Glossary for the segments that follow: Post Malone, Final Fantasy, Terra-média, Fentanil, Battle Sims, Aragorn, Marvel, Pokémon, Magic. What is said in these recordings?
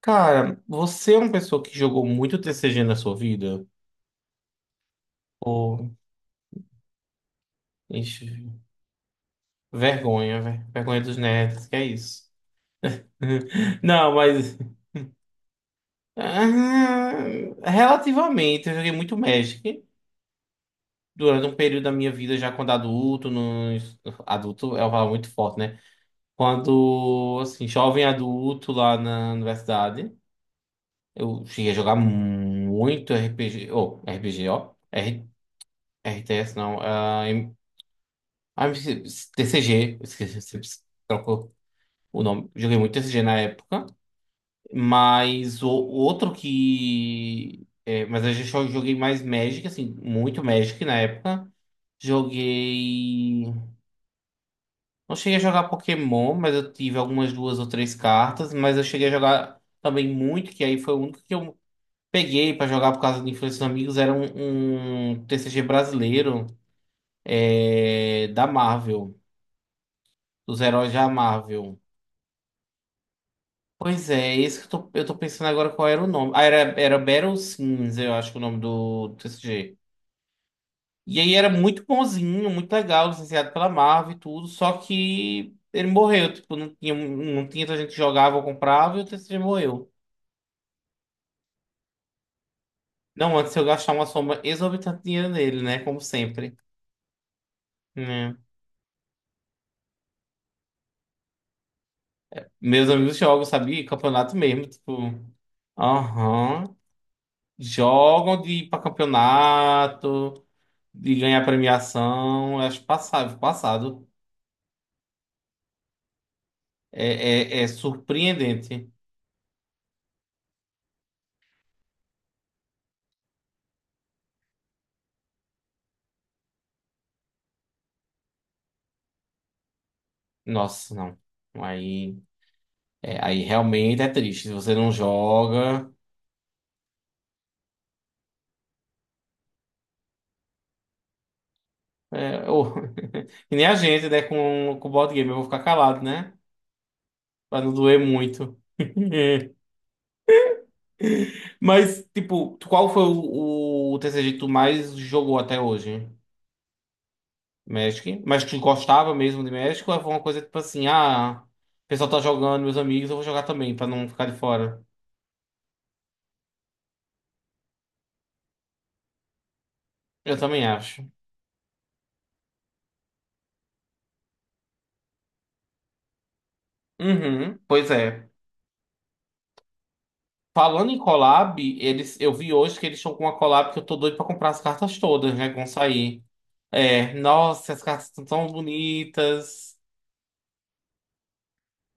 Cara, você é uma pessoa que jogou muito TCG na sua vida? Ou, ixi, vergonha, velho. Vergonha dos nerds, que é isso? Não, mas. ah, relativamente, eu joguei muito Magic durante um período da minha vida, já quando adulto. No, adulto é uma palavra muito forte, né? Quando, assim, jovem adulto lá na universidade, eu cheguei a jogar muito RPG. Ou, RPG, ó. RTS, não. Ah, TCG, eu esqueci, você trocou o nome. Joguei muito TCG na época, mas o outro que. É, mas eu já só joguei mais Magic, assim, muito Magic na época. Joguei. Não cheguei a jogar Pokémon, mas eu tive algumas 2 ou 3 cartas, mas eu cheguei a jogar também muito, que aí foi o único que eu peguei pra jogar por causa de influência dos amigos, era um TCG brasileiro, é, da Marvel, dos heróis da Marvel. Pois é, esse que eu tô pensando agora qual era o nome. Ah, era Battle Sims, eu acho que é o nome do, TCG. E aí era muito bonzinho, muito legal, licenciado pela Marvel e tudo, só que ele morreu, tipo, não tinha tanta gente que jogava ou comprava e o TCG morreu. Não, antes de eu gastar uma soma exorbitante de dinheiro nele, né? Como sempre. Né? Meus amigos jogam, sabe? Campeonato mesmo, tipo, aham. Jogam de ir pra campeonato, de ganhar premiação, eu acho passável, passado. É surpreendente. Nossa, não. Aí, aí realmente é triste. Se você não joga. É, e nem a gente, né? Com o board game, eu vou ficar calado, né? Pra não doer muito. Mas, tipo, qual foi o TCG que tu mais jogou até hoje? Magic? Mas tu gostava mesmo de Magic? Ou foi uma coisa tipo assim, ah, o pessoal tá jogando, meus amigos, eu vou jogar também, pra não ficar de fora? Eu também acho. Uhum, pois é. Falando em collab, eles, eu vi hoje que eles estão com uma collab que eu tô doido pra comprar as cartas todas, né? Que vão sair. É, nossa, as cartas estão tão bonitas.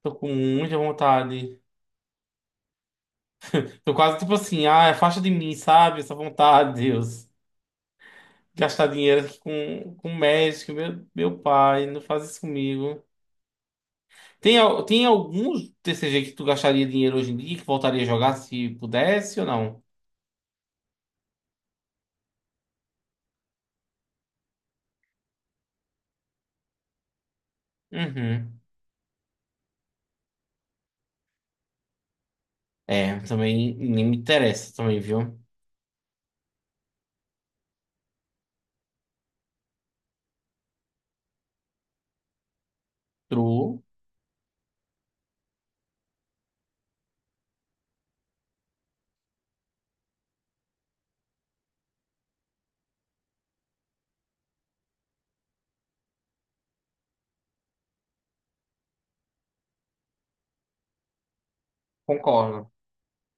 Tô com muita vontade. Tô quase tipo assim, ah, afasta de mim, sabe? Essa vontade, Deus. Gastar dinheiro aqui com Magic, meu pai, não faz isso comigo. Tem algum TCG que tu gastaria dinheiro hoje em dia que voltaria a jogar se pudesse ou não? Uhum. É, também nem me interessa também, viu? True. Concordo,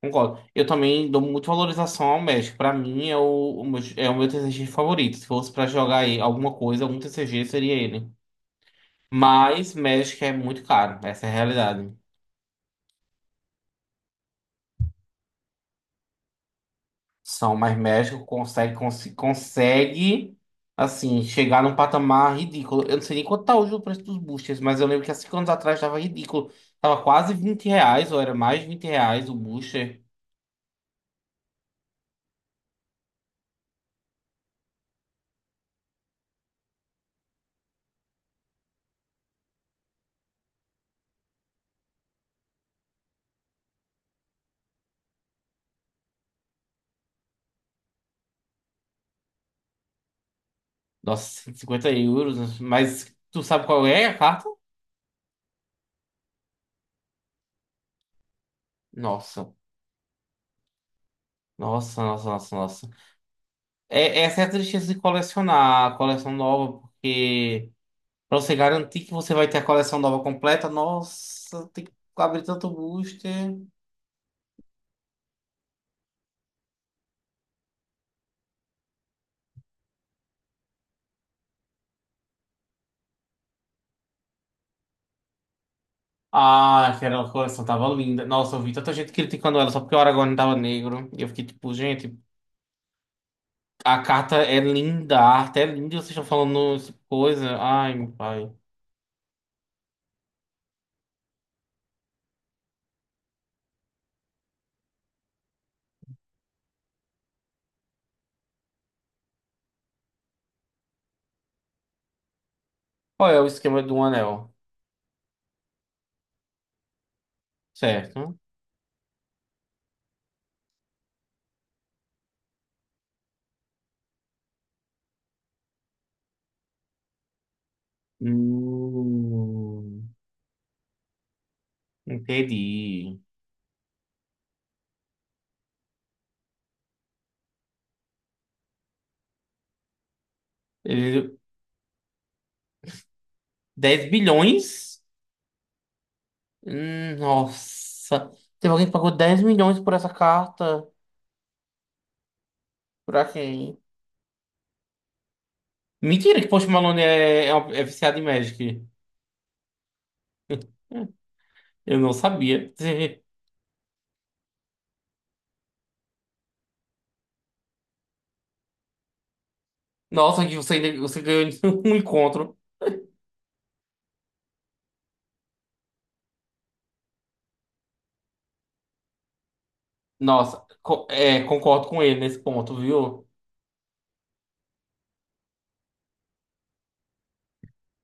concordo. Eu também dou muita valorização ao Magic. Pra mim é o meu TCG favorito. Se fosse pra jogar aí alguma coisa, algum TCG seria ele. Mas Magic é muito caro, essa é a realidade. São, mas Magic consegue, assim, chegar num patamar ridículo. Eu não sei nem quanto tá hoje o preço dos boosters, mas eu lembro que há 5 anos atrás tava ridículo. Tava quase R$ 20, ou era mais de R$ 20 o booster. Nossa, 150 euros. Mas tu sabe qual é a carta? Nossa. Nossa, nossa, nossa, nossa. É, essa é a tristeza de colecionar a coleção nova, porque pra você garantir que você vai ter a coleção nova completa, nossa, tem que abrir tanto booster. Ah, aquela coleção tava linda. Nossa, eu vi tanta gente criticando ela só porque o Aragorn tava negro. E eu fiquei tipo, gente, a carta é linda, a arte é linda e vocês estão falando essa coisa. Ai, meu pai. Qual é o esquema do anel? Certo? Hum, entendi. Ele- 10 bilhões? Nossa. Teve alguém que pagou 10 milhões por essa carta? Pra quem? Mentira que Post Malone é viciado em Magic. Hum, Eu não sabia. Nossa, que você ganhou um encontro. Nossa, concordo com ele nesse ponto, viu?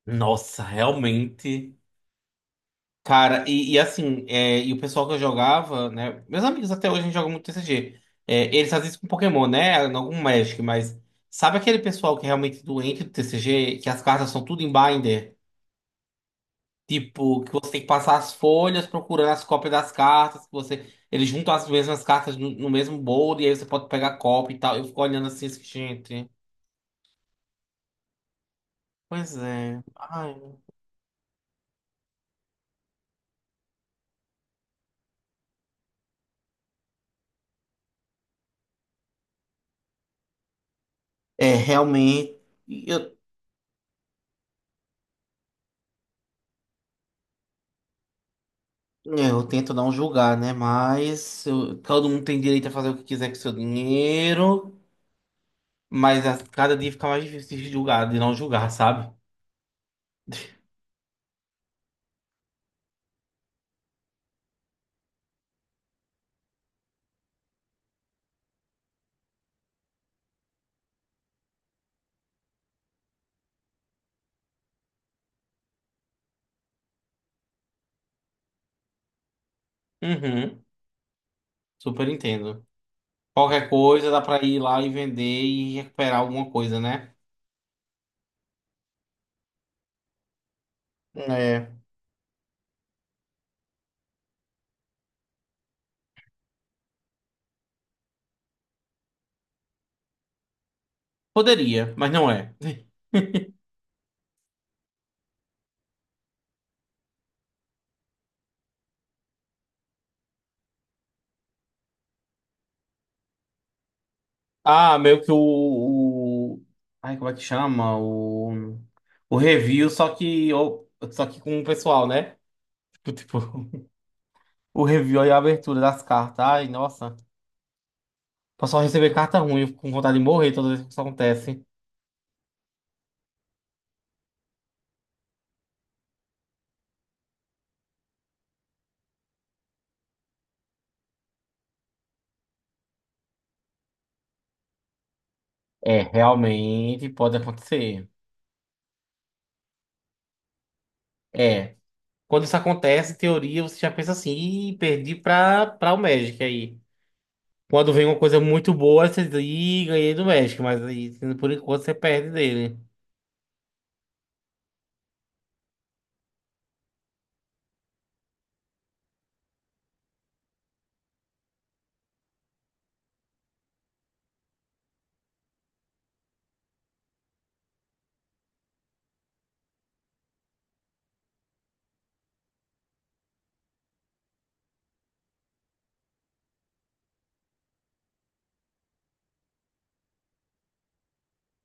Nossa, realmente. Cara, e assim, é, e o pessoal que eu jogava, né? Meus amigos até hoje a gente joga muito TCG. É, eles fazem isso com Pokémon, né? Não com Magic, mas sabe aquele pessoal que é realmente doente do TCG, que as cartas são tudo em binder? Tipo, que você tem que passar as folhas procurando as cópias das cartas, que você. Eles juntam as mesmas cartas no mesmo bolo, e aí você pode pegar cópia e tal. Eu fico olhando assim, gente. Pois é. Ai. É, realmente. É, eu tento não julgar, né? Mas todo mundo tem direito a fazer o que quiser com o seu dinheiro. Mas a cada dia fica mais difícil de julgar, de não julgar, sabe? Uhum, super entendo. Qualquer coisa dá pra ir lá e vender e recuperar alguma coisa, né? É. Poderia, mas não é. Ah, meio que o- ai, como é que chama? O review, só que com o pessoal, né? Tipo, o review e a abertura das cartas. Ai, nossa. Pra só receber carta ruim com vontade de morrer toda vez que isso acontece. É, realmente pode acontecer. É. Quando isso acontece, em teoria, você já pensa assim, Ih, perdi pra o Magic aí. Quando vem uma coisa muito boa, você diz, Ih, ganhei do Magic, mas aí, por enquanto, você perde dele.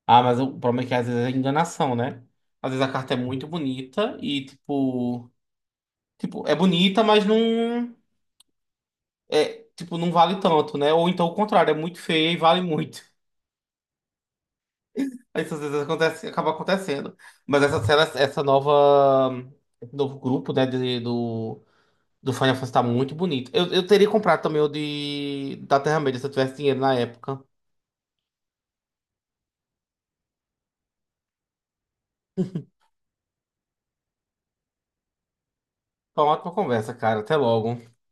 Ah, mas o problema é que às vezes é enganação, né? Às vezes a carta é muito bonita e, tipo, é bonita, mas não. É, tipo, não vale tanto, né? Ou então o contrário, é muito feia e vale muito. Isso às vezes acontece, acaba acontecendo. Mas essa cena, essa nova, esse novo grupo, né, do Final Fantasy tá muito bonito. Eu teria comprado também o de da Terra-média se eu tivesse dinheiro na época. Foi uma ótima conversa, cara. Até logo.